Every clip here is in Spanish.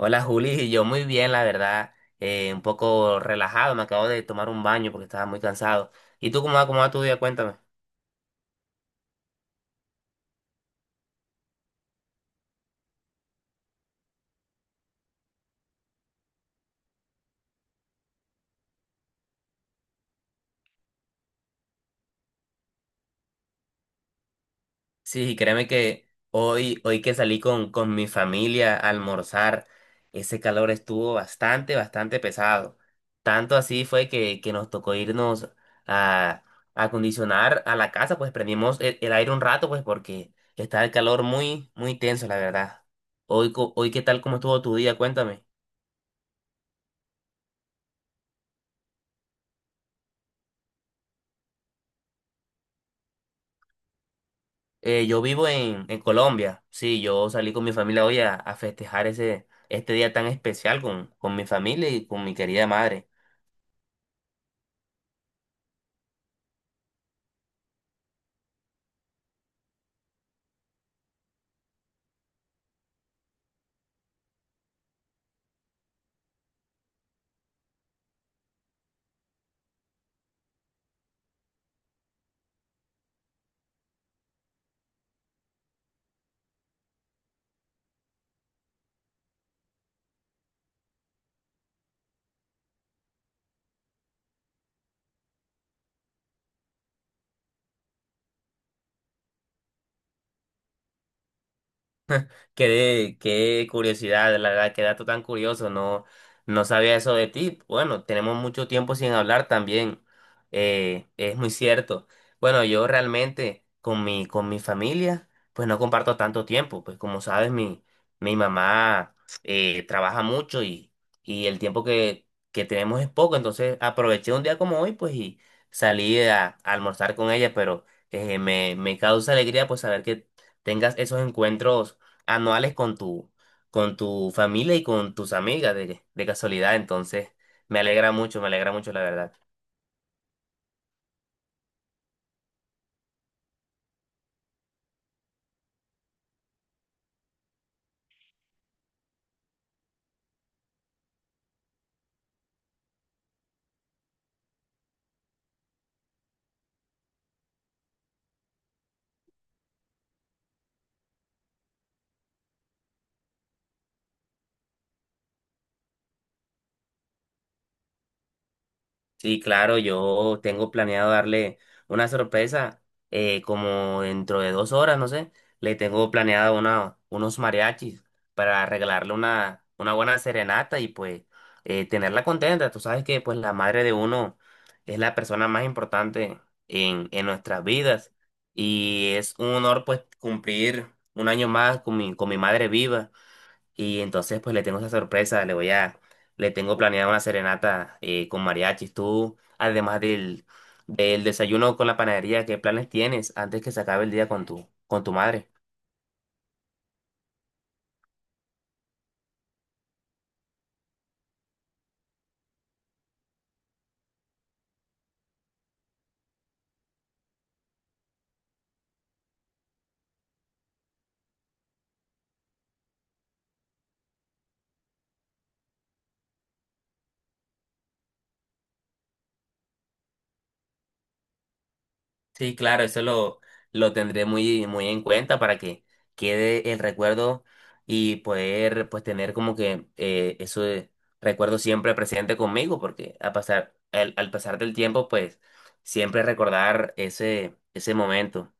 Hola Juli, yo muy bien, la verdad, un poco relajado, me acabo de tomar un baño porque estaba muy cansado. ¿Y tú cómo va tu día? Cuéntame. Sí, créeme que hoy que salí con mi familia a almorzar, ese calor estuvo bastante pesado. Tanto así fue que nos tocó irnos a a acondicionar a la casa, pues prendimos el aire un rato, pues porque está el calor muy tenso, la verdad. Hoy, ¿qué tal, cómo estuvo tu día? Cuéntame. Yo vivo en Colombia, sí, yo salí con mi familia hoy a festejar este día tan especial con mi familia y con mi querida madre. Qué curiosidad, la verdad, qué dato tan curioso, no, no sabía eso de ti. Bueno, tenemos mucho tiempo sin hablar también, es muy cierto. Bueno, yo realmente con mi familia, pues no comparto tanto tiempo, pues como sabes, mi mamá trabaja mucho y el tiempo que tenemos es poco, entonces aproveché un día como hoy, pues y salí a almorzar con ella, pero me causa alegría pues saber que tengas esos encuentros anuales con tu familia y con tus amigas de casualidad. Entonces, me alegra mucho, la verdad. Sí, claro, yo tengo planeado darle una sorpresa como dentro de 2 horas, no sé. Le tengo planeado unos mariachis para regalarle una buena serenata y pues tenerla contenta. Tú sabes que pues la madre de uno es la persona más importante en nuestras vidas y es un honor pues cumplir un año más con mi madre viva. Y entonces pues le tengo esa sorpresa, le tengo planeada una serenata con mariachis. Tú, además del desayuno con la panadería, ¿qué planes tienes antes que se acabe el día con tu madre? Sí, claro, eso lo tendré muy en cuenta para que quede el recuerdo y poder pues tener como que eso de recuerdo siempre presente conmigo, porque al pasar del tiempo, pues siempre recordar ese momento,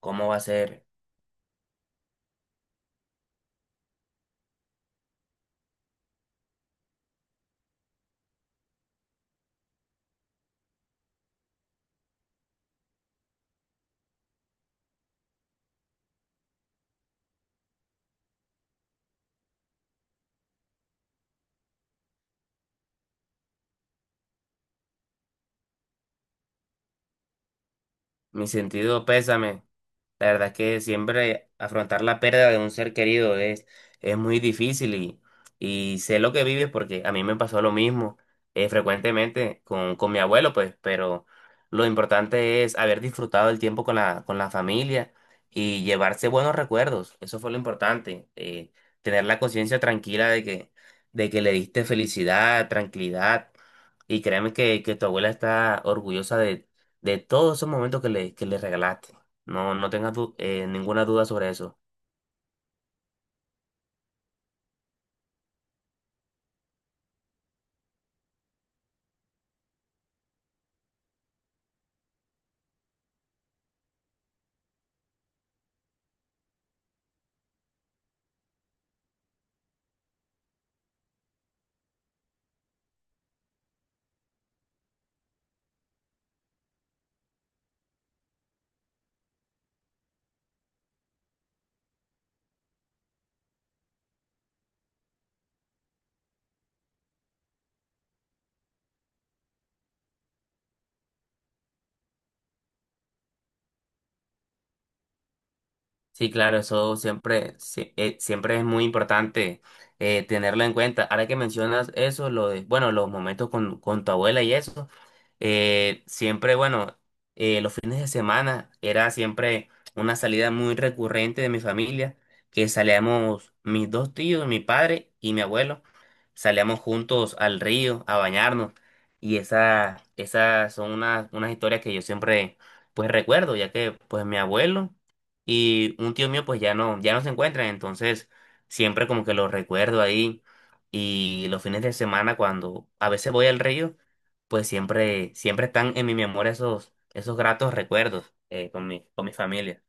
cómo va a ser. Mi sentido pésame. La verdad es que siempre afrontar la pérdida de un ser querido es muy difícil y sé lo que vives porque a mí me pasó lo mismo frecuentemente con mi abuelo, pues, pero lo importante es haber disfrutado el tiempo con la familia y llevarse buenos recuerdos. Eso fue lo importante. Tener la conciencia tranquila de que, le diste felicidad, tranquilidad. Y créeme que tu abuela está orgullosa de todos esos momentos que le regalaste. No, no tengas ninguna duda sobre eso. Sí, claro, eso siempre, sí, siempre es muy importante tenerlo en cuenta. Ahora que mencionas eso, lo de, bueno, los momentos con tu abuela y eso, siempre, bueno, los fines de semana era siempre una salida muy recurrente de mi familia, que salíamos mis dos tíos, mi padre y mi abuelo, salíamos juntos al río a bañarnos y esas son unas historias que yo siempre, pues, recuerdo, ya que, pues, mi abuelo y un tío mío pues ya no se encuentran, entonces siempre como que lo recuerdo ahí y los fines de semana cuando a veces voy al río, pues siempre están en mi memoria esos gratos recuerdos con mi familia.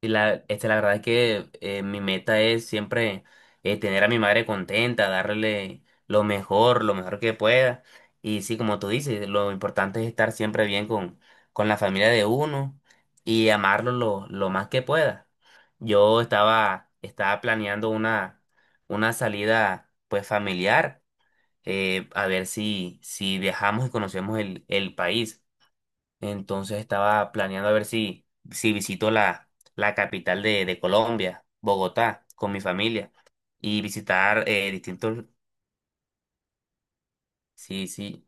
Y la verdad es que mi meta es siempre tener a mi madre contenta, darle lo mejor que pueda. Y sí, como tú dices, lo importante es estar siempre bien con la familia de uno y amarlo lo más que pueda. Yo estaba planeando una salida pues familiar, a ver si viajamos y conocemos el país. Entonces estaba planeando a ver si visito la capital de Colombia, Bogotá, con mi familia y visitar distintos. Sí, sí,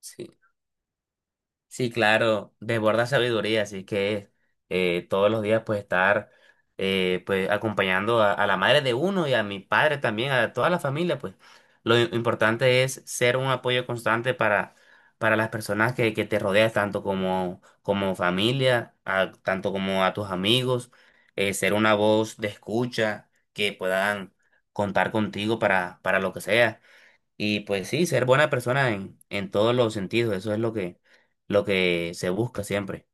sí. Sí, claro, desborda sabiduría, así que todos los días pues estar pues acompañando a la madre de uno y a mi padre también, a toda la familia, pues importante es ser un apoyo constante para las personas que te rodeas, tanto como familia, tanto como a tus amigos, ser una voz de escucha que puedan contar contigo para lo que sea. Y pues sí, ser buena persona en todos los sentidos, eso es lo que se busca siempre.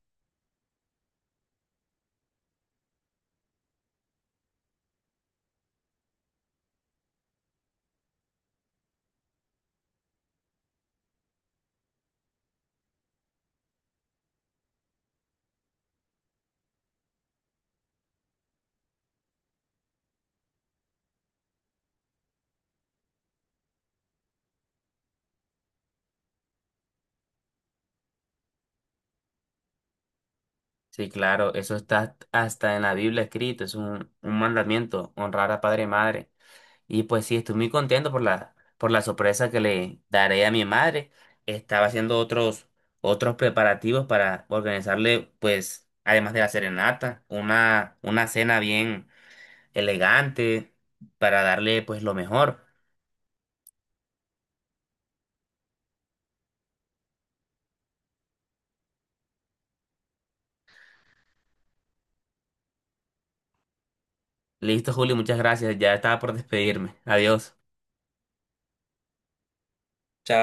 Sí, claro, eso está hasta en la Biblia escrito, es un mandamiento, honrar a padre y madre. Y pues sí, estoy muy contento por la sorpresa que le daré a mi madre. Estaba haciendo otros preparativos para organizarle, pues, además de la serenata, una cena bien elegante para darle pues lo mejor. Listo, Julio, muchas gracias. Ya estaba por despedirme. Adiós. Chao.